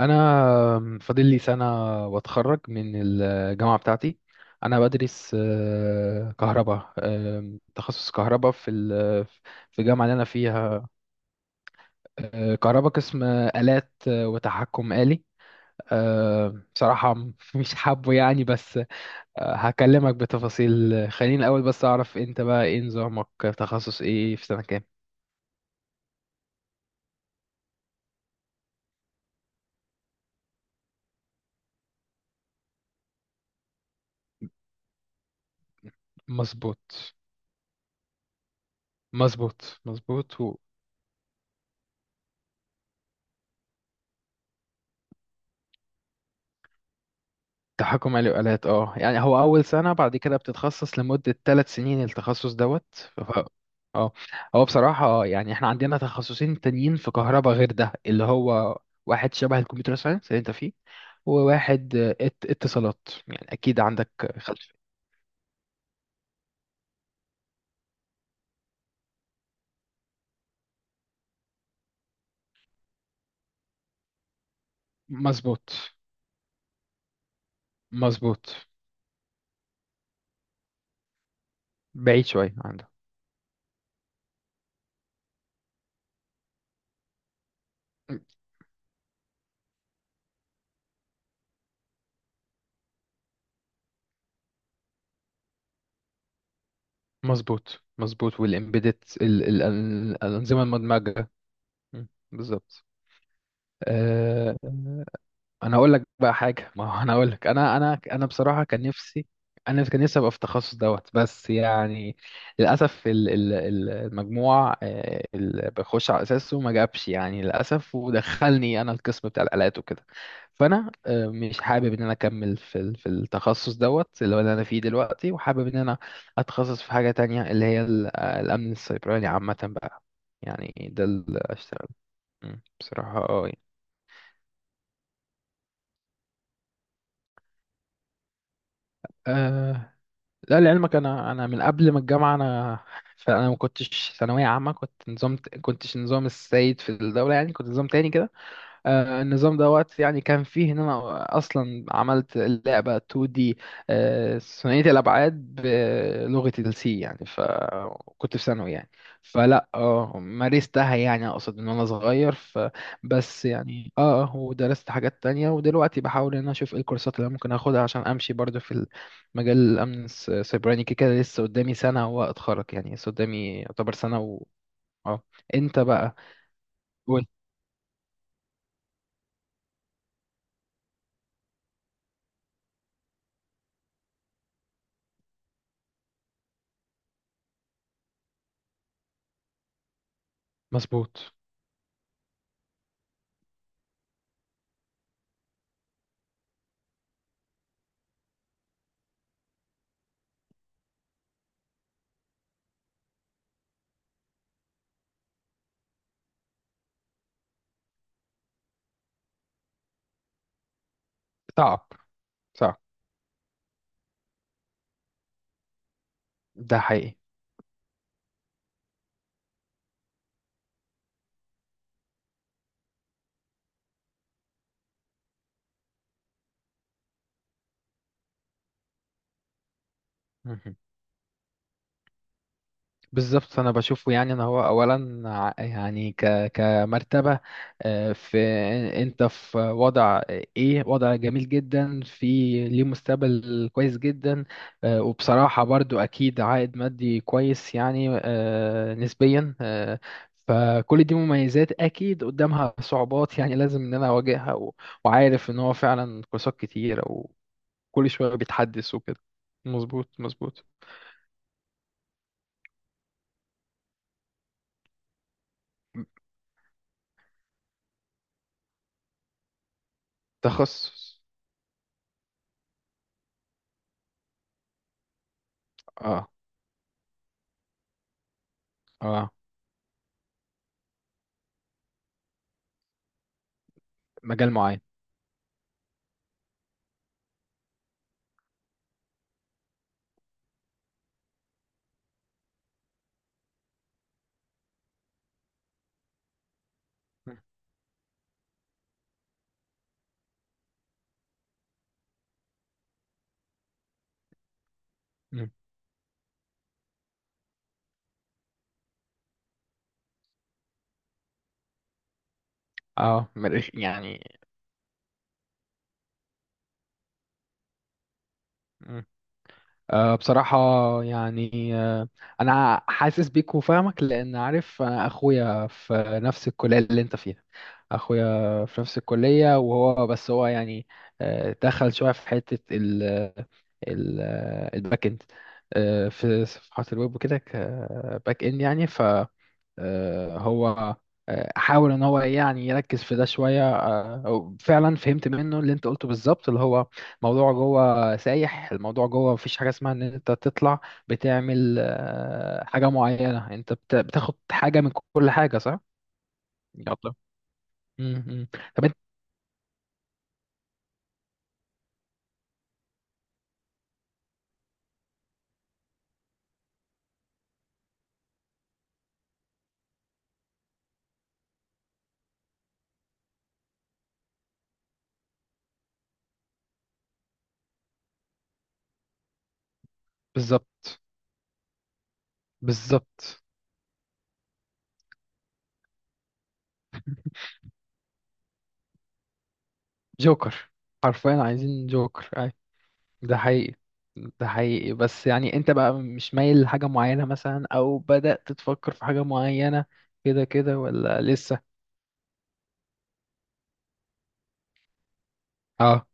انا فاضل لي سنه واتخرج من الجامعه بتاعتي. انا بدرس كهرباء، تخصص كهرباء في الجامعه اللي انا فيها. كهرباء، قسم آلات وتحكم آلي. بصراحه مش حابه يعني، بس هكلمك بتفاصيل. خليني الاول بس اعرف انت بقى ايه نظامك، تخصص ايه في سنه كام؟ مظبوط، مظبوط، مظبوط. تحكم آلي وآلات. اه، يعني هو أول سنة، بعد كده بتتخصص لمدة ثلاث سنين التخصص دوت. ف... ف- اه، هو بصراحة يعني احنا عندنا تخصصين تانيين في كهرباء غير ده، اللي هو واحد شبه الكمبيوتر ساينس اللي انت فيه، وواحد اتصالات، يعني أكيد عندك. خلف. مظبوط، مظبوط. بعيد شوية عنده. مظبوط، مظبوط. والإمبيدت الأنظمة المدمجة. م، بالظبط. آه، انا اقول لك بقى حاجه. ما هو انا اقول لك، انا انا انا بصراحه كان نفسي. انا كان نفسي ابقى في التخصص دوت، بس يعني للاسف المجموع اللي بخش على اساسه ما جابش يعني، للاسف، ودخلني انا القسم بتاع الالات وكده. فانا مش حابب ان انا اكمل في التخصص دوت اللي هو اللي انا فيه دلوقتي، وحابب ان انا اتخصص في حاجه تانية، اللي هي الامن السيبراني عامه بقى. يعني ده اللي اشتغل. بصراحه، اه، يعني. لا، لعلمك انا من قبل ما الجامعه انا، فانا ما كنتش ثانويه عامه، كنت نظام، كنتش نظام السيد في الدوله يعني، كنت نظام تاني كده. النظام دوت يعني، كان فيه ان انا اصلا عملت لعبه 2D، ثنائيه الابعاد بلغه السي، يعني فكنت في ثانوي يعني. فلا، اه، مارستها يعني، اقصد ان انا صغير فبس يعني، اه، ودرست حاجات تانية. ودلوقتي بحاول ان انا اشوف ايه الكورسات اللي أنا ممكن اخدها عشان امشي برضو في مجال الامن السيبراني. كده كده لسه قدامي سنه واتخرج يعني، لسه قدامي يعتبر سنه و... اه. انت بقى قول. مظبوط. صعب، صعب. ده حقيقي. مهم. بالظبط، انا بشوفه يعني ان هو اولا يعني كمرتبه في، انت في وضع، ايه، وضع جميل جدا، في ليه مستقبل كويس جدا. وبصراحه برضو اكيد عائد مادي كويس يعني، نسبيا. فكل دي مميزات، اكيد قدامها صعوبات يعني، لازم ان انا اواجهها. وعارف ان هو فعلا كورسات كتيره وكل شويه بيتحدث وكده. مظبوط، مظبوط. تخصص. اه. اه. مجال معين. م- م. اه، مريخ يعني. م. بصراحة يعني. أنا حاسس بيك وفاهمك، لأن عارف أنا أخويا في نفس الكلية اللي أنت فيها. أخويا في نفس الكلية، وهو بس هو يعني دخل شوية في حتة ال ال الباك إند، في صفحات الويب وكده كباك إند يعني. هو حاول ان هو يعني يركز في ده شويه. أو فعلا فهمت منه اللي انت قلته بالظبط، اللي هو موضوع جوه سايح، الموضوع جوه مفيش حاجه اسمها ان انت تطلع بتعمل حاجه معينه، انت بتاخد حاجه من كل حاجه. صح. يلا. مم. مم. طب انت. بالظبط، بالظبط. جوكر، حرفيا عايزين جوكر. ده حقيقي، ده حقيقي. بس يعني انت بقى مش مايل لحاجة معينة مثلا، او بدأت تفكر في حاجة معينة، كده كده ولا لسه؟ اه،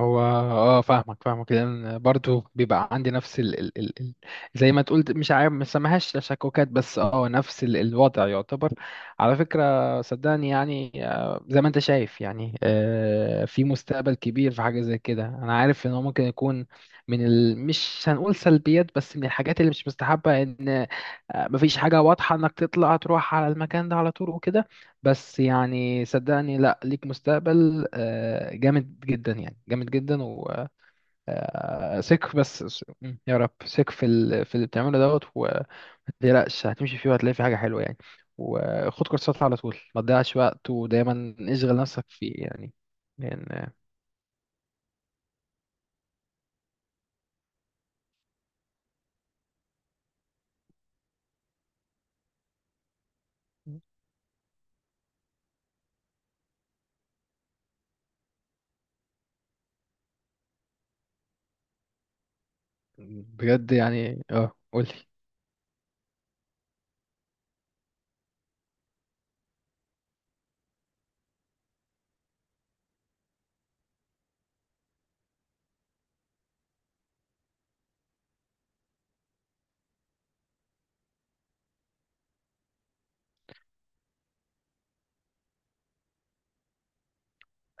هو، اه، فاهمك فاهمك، لان برضو بيبقى عندي نفس زي ما تقول، مش عارف ما سميهاش تشككات، بس اه، نفس الوضع يعتبر. على فكرة صدقني يعني، زي ما انت شايف يعني، في مستقبل كبير في حاجة زي كده. انا عارف ان هو ممكن يكون مش هنقول سلبيات، بس من الحاجات اللي مش مستحبة، ان مفيش حاجة واضحة انك تطلع تروح على المكان ده على طول وكده. بس يعني صدقني، لا، ليك مستقبل جامد جدا يعني، جامد جدا. وثق بس. يا رب، ثق في اللي بتعمله دوت، وما تقلقش، هتمشي فيه وهتلاقي فيه حاجة حلوة يعني. وخد كورسات على طول، ما تضيعش وقت، ودايما اشغل نفسك فيه يعني. لأن يعني بجد يعني، اه، قولي.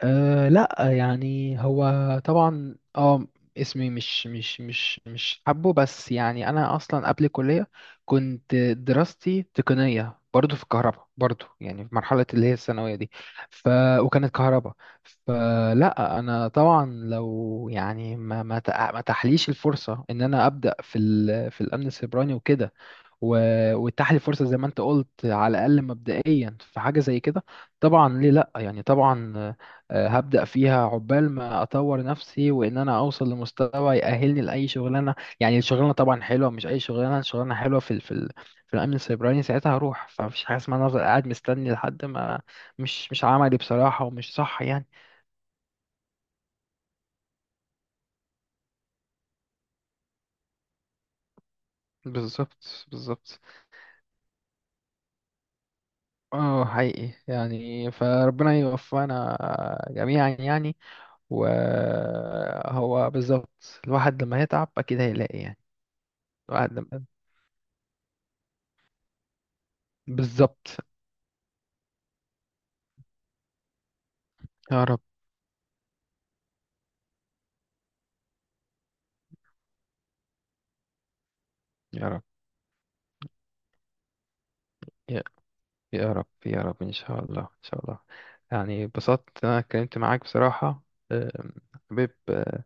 أه لا، يعني هو طبعا، اه، اسمي مش مش مش مش حبه بس يعني، انا اصلا قبل الكليه كنت دراستي تقنيه برضو في الكهرباء برضو يعني، في مرحله اللي هي الثانويه دي. ف وكانت كهرباء. فلا انا طبعا لو يعني ما تحليش الفرصه ان انا ابدا في الامن السيبراني وكده، واتاح لي فرصه زي ما انت قلت على الاقل مبدئيا في حاجه زي كده، طبعا ليه لا يعني، طبعا، هبدا فيها عقبال ما اطور نفسي وان انا اوصل لمستوى يأهلني لاي شغلانه يعني. الشغلانه طبعا حلوه، مش اي شغلانه، شغلانه حلوه في الامن السيبراني. ساعتها هروح، فمفيش حاجه اسمها إن انا افضل قاعد مستني لحد ما، مش مش عملي بصراحه ومش صح يعني. بالظبط، بالظبط. اه، حقيقي يعني، فربنا يوفقنا جميعا يعني. وهو بالظبط، الواحد لما يتعب أكيد هيلاقي يعني. الواحد لما. بالظبط. يا رب، يا رب. يا يا رب، يا رب، إن شاء الله، إن شاء الله. يعني اتبسطت إن أنا اتكلمت معاك بصراحة. أم، حبيب.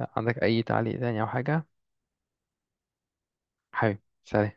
عندك أي تعليق تاني أو حاجة؟ حبيب. سلام.